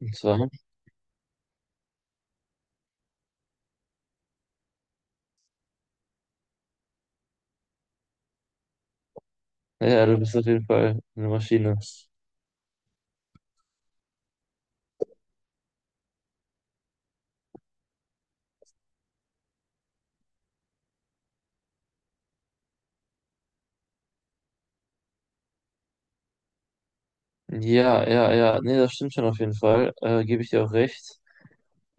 Und zwar, ja, du bist auf jeden Fall eine Maschine. Ja, ja, ja, nee, das stimmt schon auf jeden Fall. Gebe ich dir auch recht.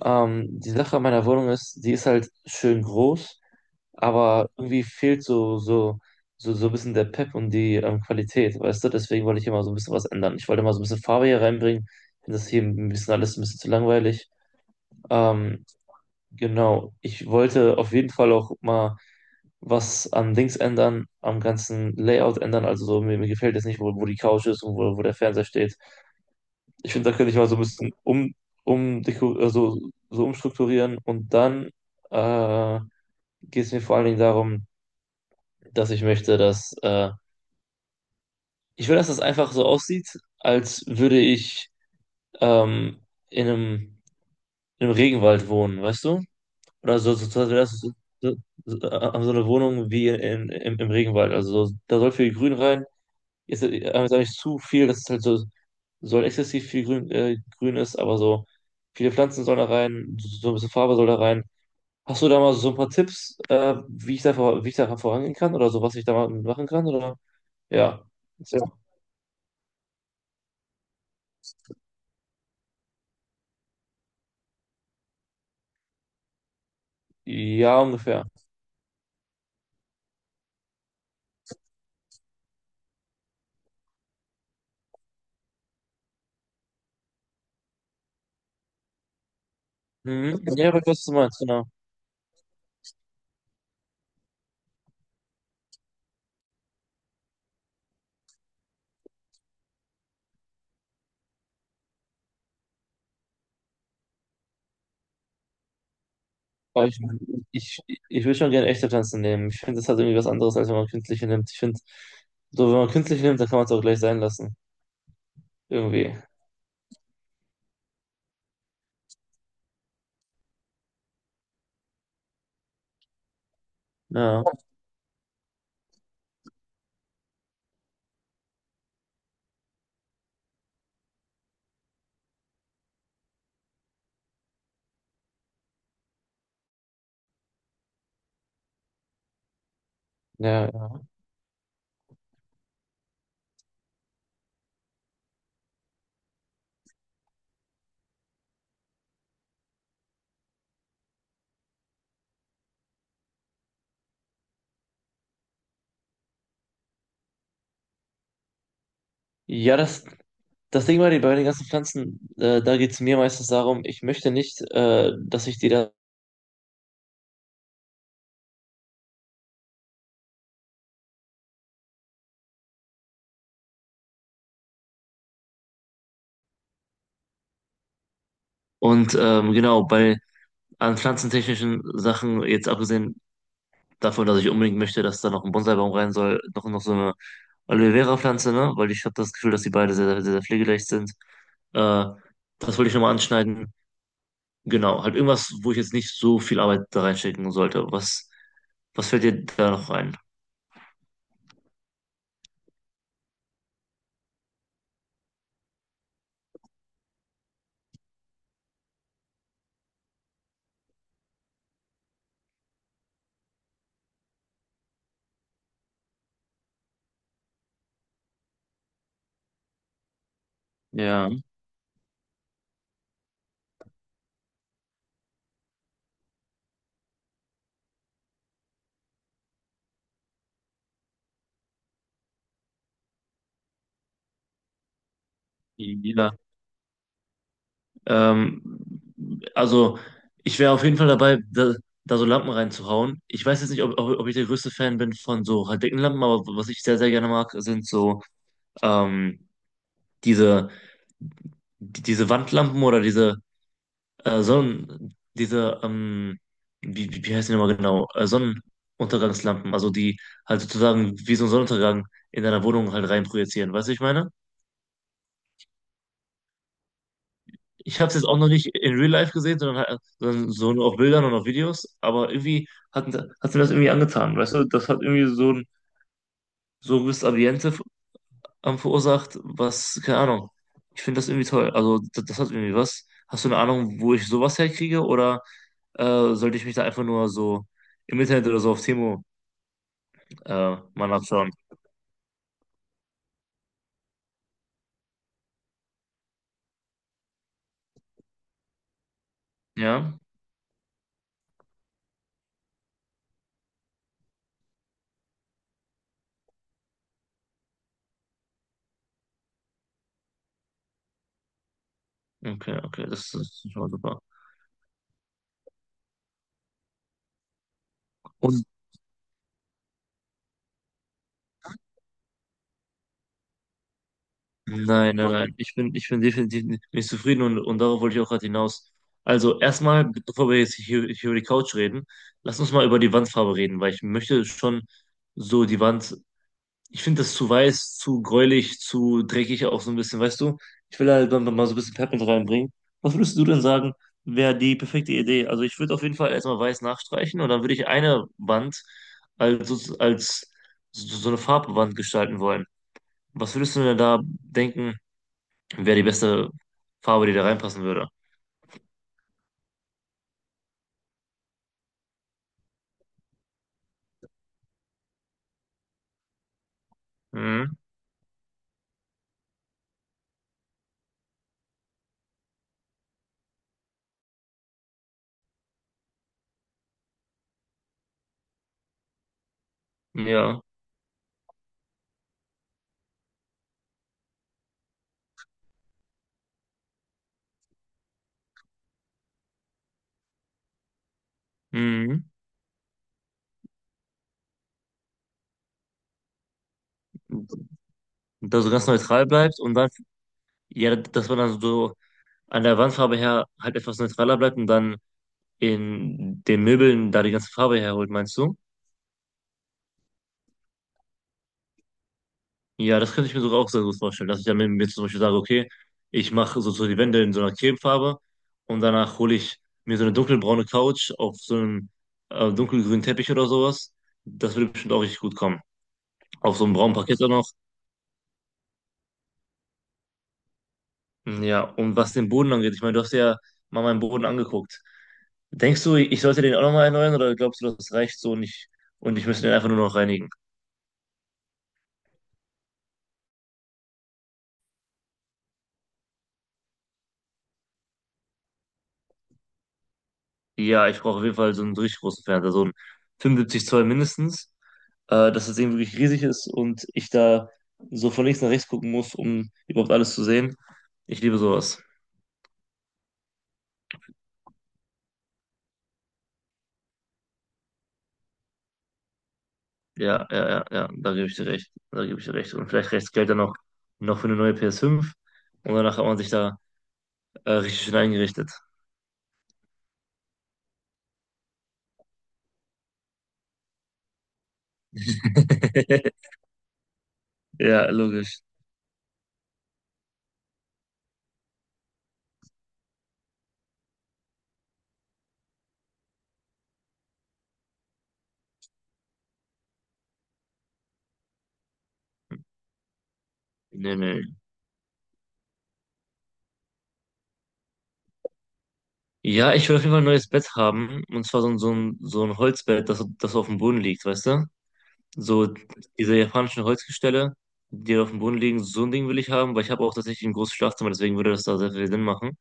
Die Sache an meiner Wohnung ist, die ist halt schön groß, aber irgendwie fehlt so ein bisschen der Pep und die Qualität, weißt du? Deswegen wollte ich immer so ein bisschen was ändern. Ich wollte mal so ein bisschen Farbe hier reinbringen. Ich finde das hier ein bisschen alles ein bisschen zu langweilig. Ähm, genau. Ich wollte auf jeden Fall auch mal was an Dings ändern, am ganzen Layout ändern. Also so, mir gefällt jetzt nicht, wo die Couch ist und wo der Fernseher steht. Ich finde, da könnte ich mal so ein bisschen um, also, so umstrukturieren. Und dann äh, geht es mir vor allen Dingen darum, dass ich möchte, dass ich will, dass das einfach so aussieht, als würde ich ähm, in einem Regenwald wohnen, weißt du? Oder so, so so eine Wohnung wie im Regenwald. Also so, da soll viel Grün rein. Sag ich, zu viel, das ist halt so, soll exzessiv viel grün, aber so viele Pflanzen sollen da rein, so ein bisschen Farbe soll da rein. Hast du da mal so ein paar Tipps, wie ich da, wie ich da vorangehen kann oder so, was ich da mal machen kann? Oder? Ja. Sehr- Ja, ungefähr. Mhm. Ja, aber ich weiß, was du meinst, genau. Aber ich würde schon gerne echte Pflanzen nehmen. Ich finde, das hat irgendwie was anderes, als wenn man künstliche nimmt. Ich finde, so, wenn man künstliche nimmt, dann kann man es auch gleich sein lassen. Irgendwie. Ja, ja. Ja, das, Das Ding war, die- bei den ganzen Pflanzen, da geht es mir meistens darum, ich möchte nicht, dass ich die da. Und genau, bei an pflanzentechnischen Sachen, jetzt abgesehen davon, dass ich unbedingt möchte, dass da noch ein Bonsaibaum rein soll, noch so eine Aloe Vera-Pflanze, ne? Weil ich habe das Gefühl, dass die beide sehr, sehr, sehr pflegeleicht sind. Äh, Das wollte ich nochmal anschneiden. Genau, halt irgendwas, wo ich jetzt nicht so viel Arbeit da reinstecken sollte. Was fällt dir da noch ein? Ja, ja. Ähm, also ich wäre auf jeden Fall dabei, da so Lampen reinzuhauen. Ich weiß jetzt nicht, ob ich der größte Fan bin von so halt dicken Lampen, aber was ich sehr, sehr gerne mag, sind so ähm, diese, diese Wandlampen oder diese Sonnen, diese, wie, wie wie heißt die nochmal genau? Sonnenuntergangslampen, also die halt sozusagen wie so ein Sonnenuntergang in deiner Wohnung halt reinprojizieren. Weißt du, was ich meine? Ich habe es jetzt auch noch nicht in Real Life gesehen, sondern sondern so nur auf Bildern und auf Videos, aber irgendwie hat mir das irgendwie angetan, weißt du? Das hat irgendwie so ein gewisses Ambiente verursacht, was, keine Ahnung. Ich finde das irgendwie toll. Also das, das hat irgendwie was. Hast du eine Ahnung, wo ich sowas herkriege oder sollte ich mich da einfach nur so im Internet oder so auf Timo mal nachschauen? Ja? Okay, okay, das ist schon mal super. Und nein, nein, nein. Ich bin definitiv nicht zufrieden und darauf wollte ich auch gerade hinaus. Also erstmal, bevor wir jetzt hier über die Couch reden, lass uns mal über die Wandfarbe reden, weil ich möchte schon so die Wand. Ich finde das zu weiß, zu gräulich, zu dreckig auch so ein bisschen, weißt du? Ich will halt dann mal so ein bisschen Pep mit reinbringen. Was würdest du denn sagen, wäre die perfekte Idee? Also ich würde auf jeden Fall erstmal weiß nachstreichen und dann würde ich eine Wand als so eine Farbwand gestalten wollen. Was würdest du denn da denken? Wäre die beste Farbe, die da reinpassen würde. Mhm. Ja. Mhm. Da so ganz neutral bleibt und dann, ja, dass man dann so an der Wandfarbe her halt etwas neutraler bleibt und dann in den Möbeln da die ganze Farbe herholt, meinst du? Ja, das könnte ich mir sogar auch sehr gut vorstellen, dass ich dann mit mir zum Beispiel sage, okay, ich mache so die Wände in so einer Cremefarbe und danach hole ich mir so eine dunkelbraune Couch auf so einem dunkelgrünen Teppich oder sowas. Das würde bestimmt auch richtig gut kommen. Auf so einem braunen Parkett auch noch. Hm, ja, und was den Boden angeht, ich meine, du hast ja mal meinen Boden angeguckt. Denkst du, ich sollte den auch nochmal erneuern oder glaubst du, das reicht so und ich müsste den einfach nur noch reinigen? Ja, ich brauche auf jeden Fall so einen richtig großen Fernseher, so einen 75 Zoll mindestens, dass das Ding wirklich riesig ist und ich da so von links nach rechts gucken muss, um überhaupt alles zu sehen. Ich liebe sowas. Ja, ja, ja, ja, da gebe ich dir recht. Da gebe ich dir recht. Und vielleicht reicht das Geld dann noch für eine neue PS5 und danach hat man sich da richtig schön eingerichtet. Ja, logisch. Nee, nee. Ja, ich will auf jeden Fall ein neues Bett haben. Und zwar so ein Holzbett, das auf dem Boden liegt, weißt du? So diese japanischen Holzgestelle, die auf dem Boden liegen, so ein Ding will ich haben, weil ich habe auch tatsächlich ein großes Schlafzimmer, deswegen würde das da sehr viel Sinn machen.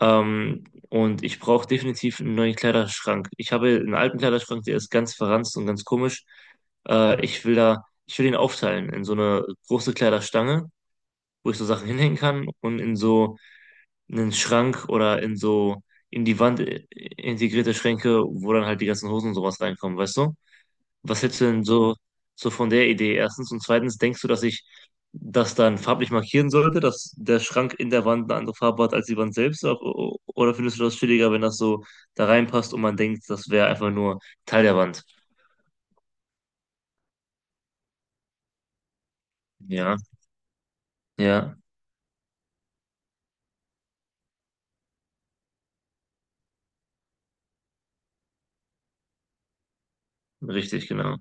Und ich brauche definitiv einen neuen Kleiderschrank. Ich habe einen alten Kleiderschrank, der ist ganz verranzt und ganz komisch. Ich will den aufteilen in so eine große Kleiderstange, wo ich so Sachen hinhängen kann und in so einen Schrank oder in so in die Wand integrierte Schränke, wo dann halt die ganzen Hosen und sowas reinkommen, weißt du? Was hältst du denn so von der Idee? Erstens und zweitens, denkst du, dass ich das dann farblich markieren sollte, dass der Schrank in der Wand eine andere Farbe hat als die Wand selbst? Oder findest du das chilliger, wenn das so da reinpasst und man denkt, das wäre einfach nur Teil der Wand? Ja, ja, richtig, genau.